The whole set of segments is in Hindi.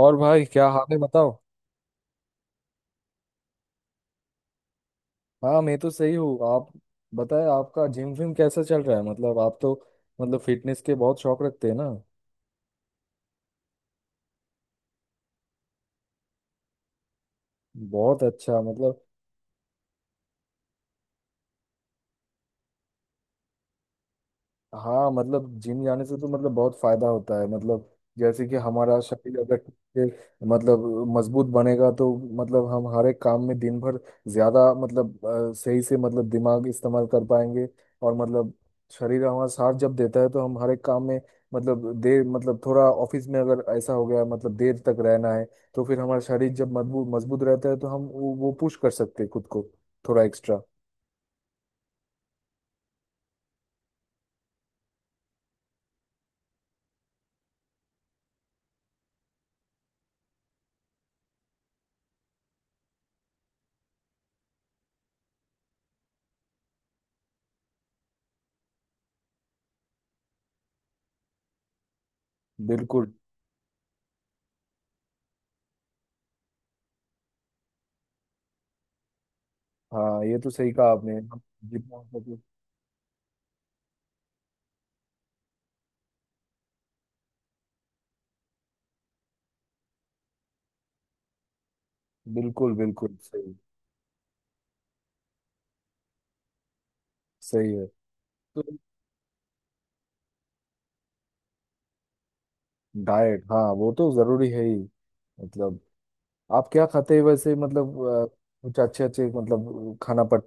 और भाई क्या हाल है बताओ। हाँ मैं तो सही हूँ। आप बताएं, आपका जिम विम कैसा चल रहा है? मतलब आप तो मतलब फिटनेस के बहुत शौक रखते हैं ना। बहुत अच्छा। मतलब हाँ, मतलब जिम जाने से तो मतलब बहुत फायदा होता है। मतलब जैसे कि हमारा शरीर अगर ठीक से मतलब मजबूत बनेगा तो मतलब हम हर एक काम में दिन भर ज्यादा मतलब सही से मतलब दिमाग इस्तेमाल कर पाएंगे। और मतलब शरीर हमारा साथ जब देता है तो हम हर एक काम में मतलब देर मतलब थोड़ा ऑफिस में अगर ऐसा हो गया मतलब देर तक रहना है, तो फिर हमारा शरीर जब मजबूत मजबूत रहता है तो हम वो पुश कर सकते हैं खुद को, थोड़ा एक्स्ट्रा। बिल्कुल। हाँ ये तो सही कहा आपने। हम जितना हो सके। बिल्कुल बिल्कुल सही। सही है। तो डाइट हाँ वो तो जरूरी है ही। मतलब आप क्या खाते हैं वैसे? मतलब कुछ अच्छे अच्छे मतलब खाना पट।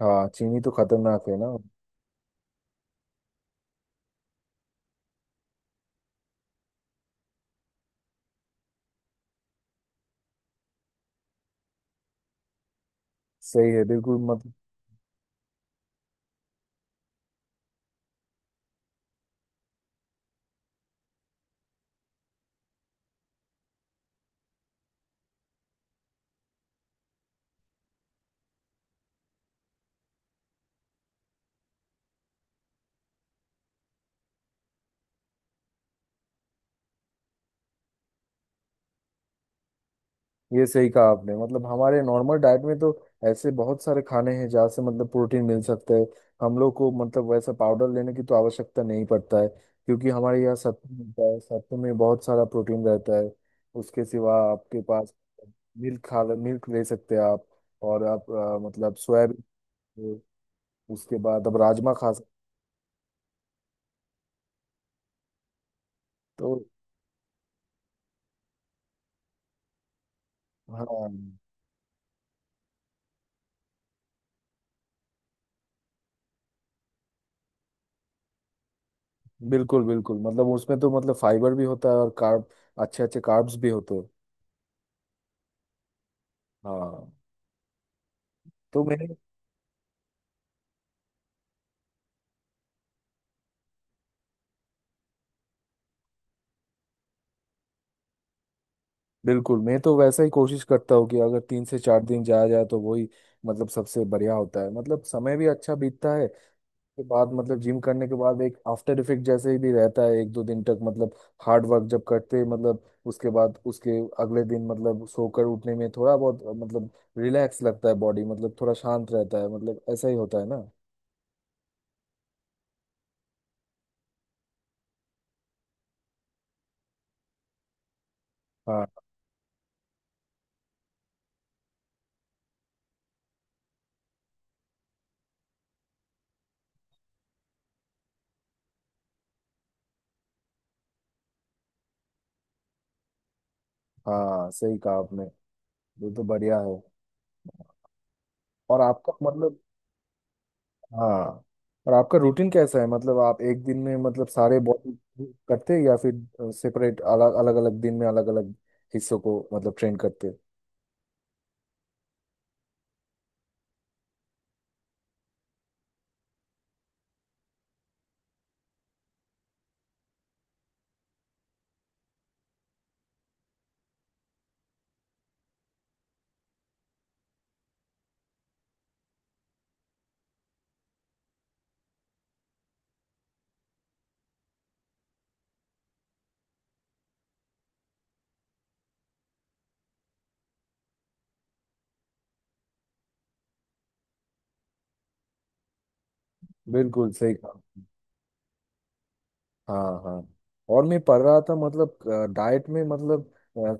हाँ चीनी तो खतरनाक है ना। सही है बिल्कुल। मतलब ये सही कहा आपने। मतलब हमारे नॉर्मल डाइट में तो ऐसे बहुत सारे खाने हैं जहाँ से मतलब प्रोटीन मिल सकता है। हम लोग को मतलब वैसा पाउडर लेने की तो आवश्यकता नहीं पड़ता है क्योंकि हमारे यहाँ सत्तू मिलता है, सत्तू में बहुत सारा प्रोटीन रहता है। उसके सिवा आपके पास मिल्क ले सकते हैं आप। और आप मतलब सोयाबीन। उसके बाद आप राजमा खा सकते हो, तो। हाँ बिल्कुल बिल्कुल। मतलब उसमें तो मतलब फाइबर भी होता है और कार्ब, अच्छे अच्छे कार्ब्स भी होते हैं। हाँ। तो मैंने, बिल्कुल, मैं तो वैसा ही कोशिश करता हूँ कि अगर तीन से चार दिन जाया जाए तो वही मतलब सबसे बढ़िया होता है। मतलब समय भी अच्छा बीतता है के बाद मतलब जिम करने के बाद एक आफ्टर इफेक्ट जैसे ही भी रहता है एक दो दिन तक। मतलब हार्ड वर्क जब करते हैं, मतलब उसके बाद उसके अगले दिन मतलब सोकर उठने में थोड़ा बहुत मतलब रिलैक्स लगता है, बॉडी मतलब थोड़ा शांत रहता है, मतलब ऐसा ही होता है ना। हाँ हाँ सही कहा आपने। ये तो बढ़िया है। और आपका मतलब, हाँ, और आपका रूटीन कैसा है? मतलब आप एक दिन में मतलब सारे बॉडी करते हैं या फिर सेपरेट अलग अलग अलग दिन में अलग अलग हिस्सों को मतलब ट्रेन करते हैं। बिल्कुल सही कहा। हाँ हाँ। और मैं पढ़ रहा था, मतलब डाइट में मतलब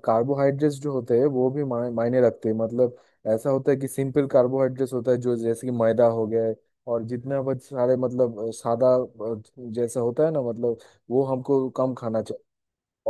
कार्बोहाइड्रेट्स जो होते हैं वो भी मायने रखते हैं। मतलब ऐसा होता है कि सिंपल कार्बोहाइड्रेट्स होता है जो जैसे कि मैदा हो गया है। और जितना बहुत सारे मतलब सादा जैसा होता है ना, मतलब वो हमको कम खाना।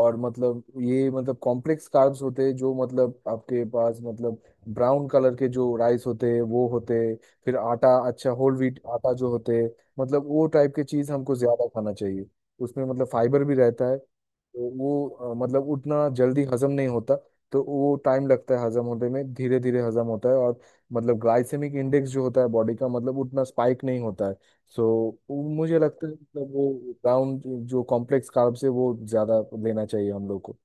और मतलब ये मतलब कॉम्प्लेक्स कार्ब्स होते हैं जो मतलब आपके पास मतलब ब्राउन कलर के जो राइस होते हैं वो होते हैं, फिर आटा, अच्छा होल व्हीट आटा जो होते हैं, मतलब वो टाइप के चीज़ हमको ज़्यादा खाना चाहिए। उसमें मतलब फाइबर भी रहता है तो वो मतलब उतना जल्दी हजम नहीं होता, तो वो टाइम लगता है हजम होने में, धीरे धीरे हजम होता है। और मतलब ग्लाइसेमिक इंडेक्स जो होता है बॉडी का मतलब उतना स्पाइक नहीं होता है। सो वो मुझे लगता है मतलब वो राउंड जो कॉम्प्लेक्स कार्ब्स है वो ज्यादा लेना चाहिए हम लोग को।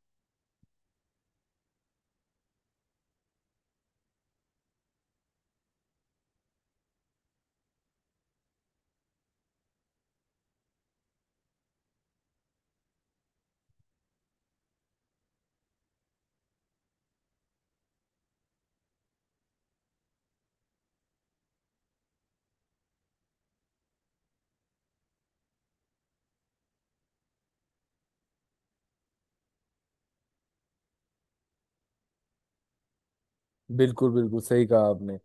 बिल्कुल बिल्कुल सही कहा आपने।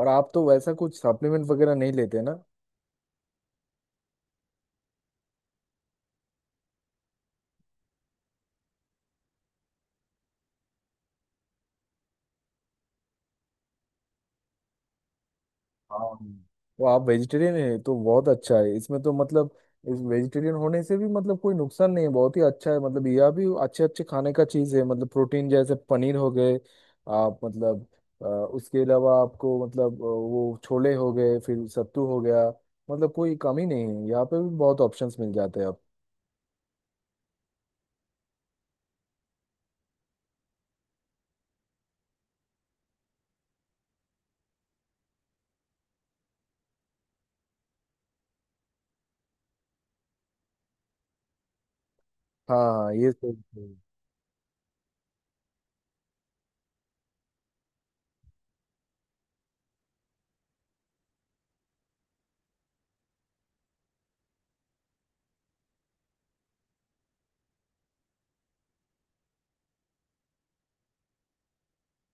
और आप तो वैसा कुछ सप्लीमेंट वगैरह नहीं लेते ना। हाँ वो आप वेजिटेरियन है तो बहुत अच्छा है। इसमें तो मतलब इस वेजिटेरियन होने से भी मतलब कोई नुकसान नहीं है, बहुत ही अच्छा है। मतलब यह भी अच्छे अच्छे खाने का चीज है, मतलब प्रोटीन जैसे पनीर हो गए। आप मतलब उसके अलावा आपको मतलब वो छोले हो गए, फिर सत्तू हो गया। मतलब कोई कमी नहीं है यहाँ पे भी, बहुत ऑप्शंस मिल जाते हैं आप। हाँ हाँ ये सही है।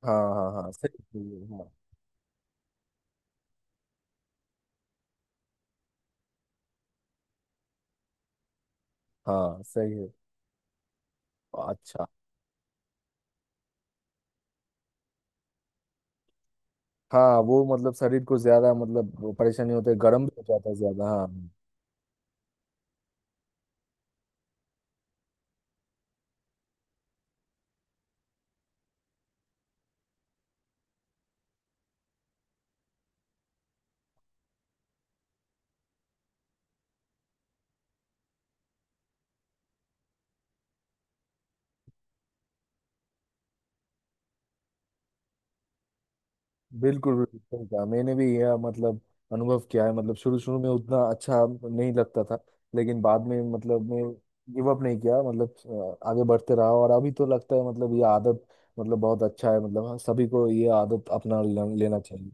हाँ हाँ हाँ सही सही है हाँ। हाँ सही है। अच्छा। हाँ वो मतलब शरीर को ज्यादा मतलब परेशानी होता है, गर्म भी हो जाता है ज्यादा, हाँ। बिल्कुल बिल्कुल सही कहा। मैंने भी यह मतलब अनुभव किया है। मतलब शुरू शुरू में उतना अच्छा नहीं लगता था, लेकिन बाद में मतलब मैं गिव अप नहीं किया, मतलब आगे बढ़ते रहा। और अभी तो लगता है मतलब ये आदत मतलब बहुत अच्छा है। मतलब हाँ, सभी को ये आदत अपना लेना चाहिए।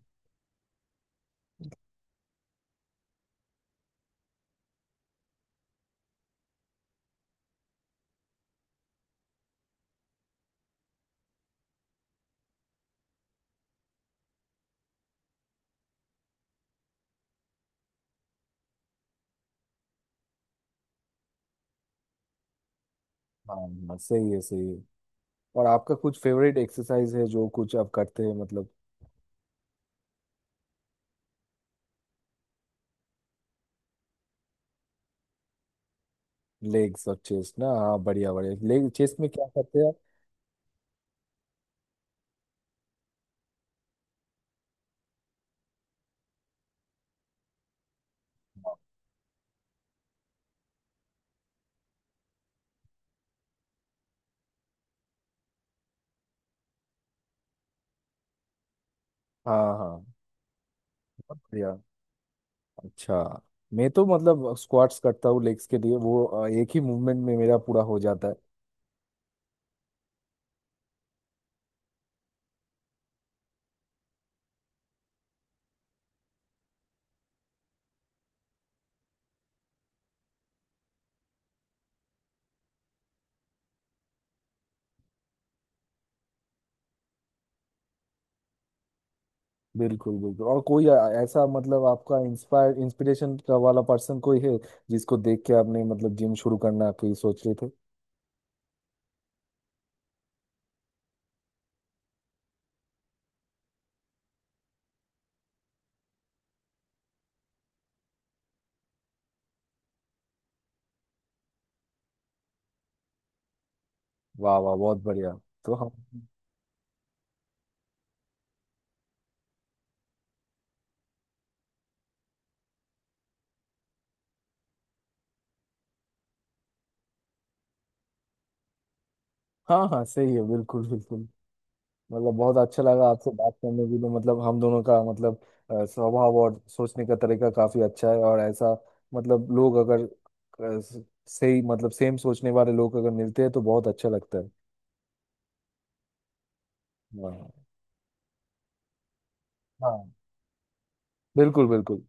हाँ हाँ, सही है सही है। और आपका कुछ फेवरेट एक्सरसाइज है जो कुछ आप करते हैं मतलब? लेग्स और चेस्ट ना, हाँ। बढ़िया बढ़िया। लेग चेस्ट में क्या करते हैं आप? हाँ हाँ बहुत बढ़िया। अच्छा। मैं तो मतलब स्क्वाट्स करता हूँ लेग्स के लिए, वो एक ही मूवमेंट में मेरा पूरा हो जाता है। बिल्कुल बिल्कुल। और कोई ऐसा मतलब आपका इंस्पायर इंस्पिरेशन का वाला पर्सन कोई है जिसको देख के आपने मतलब जिम शुरू करना कहीं सोच रहे थे? वाह वाह बहुत बढ़िया। तो हम हाँ हाँ सही है बिल्कुल बिल्कुल। मतलब बहुत अच्छा लगा आपसे बात करने के लिए। तो मतलब हम दोनों का मतलब स्वभाव और सोचने का तरीका काफी अच्छा है। और ऐसा मतलब लोग अगर अ, स- सही मतलब सेम सोचने वाले लोग अगर मिलते हैं तो बहुत अच्छा लगता है। हाँ हाँ बिल्कुल बिल्कुल।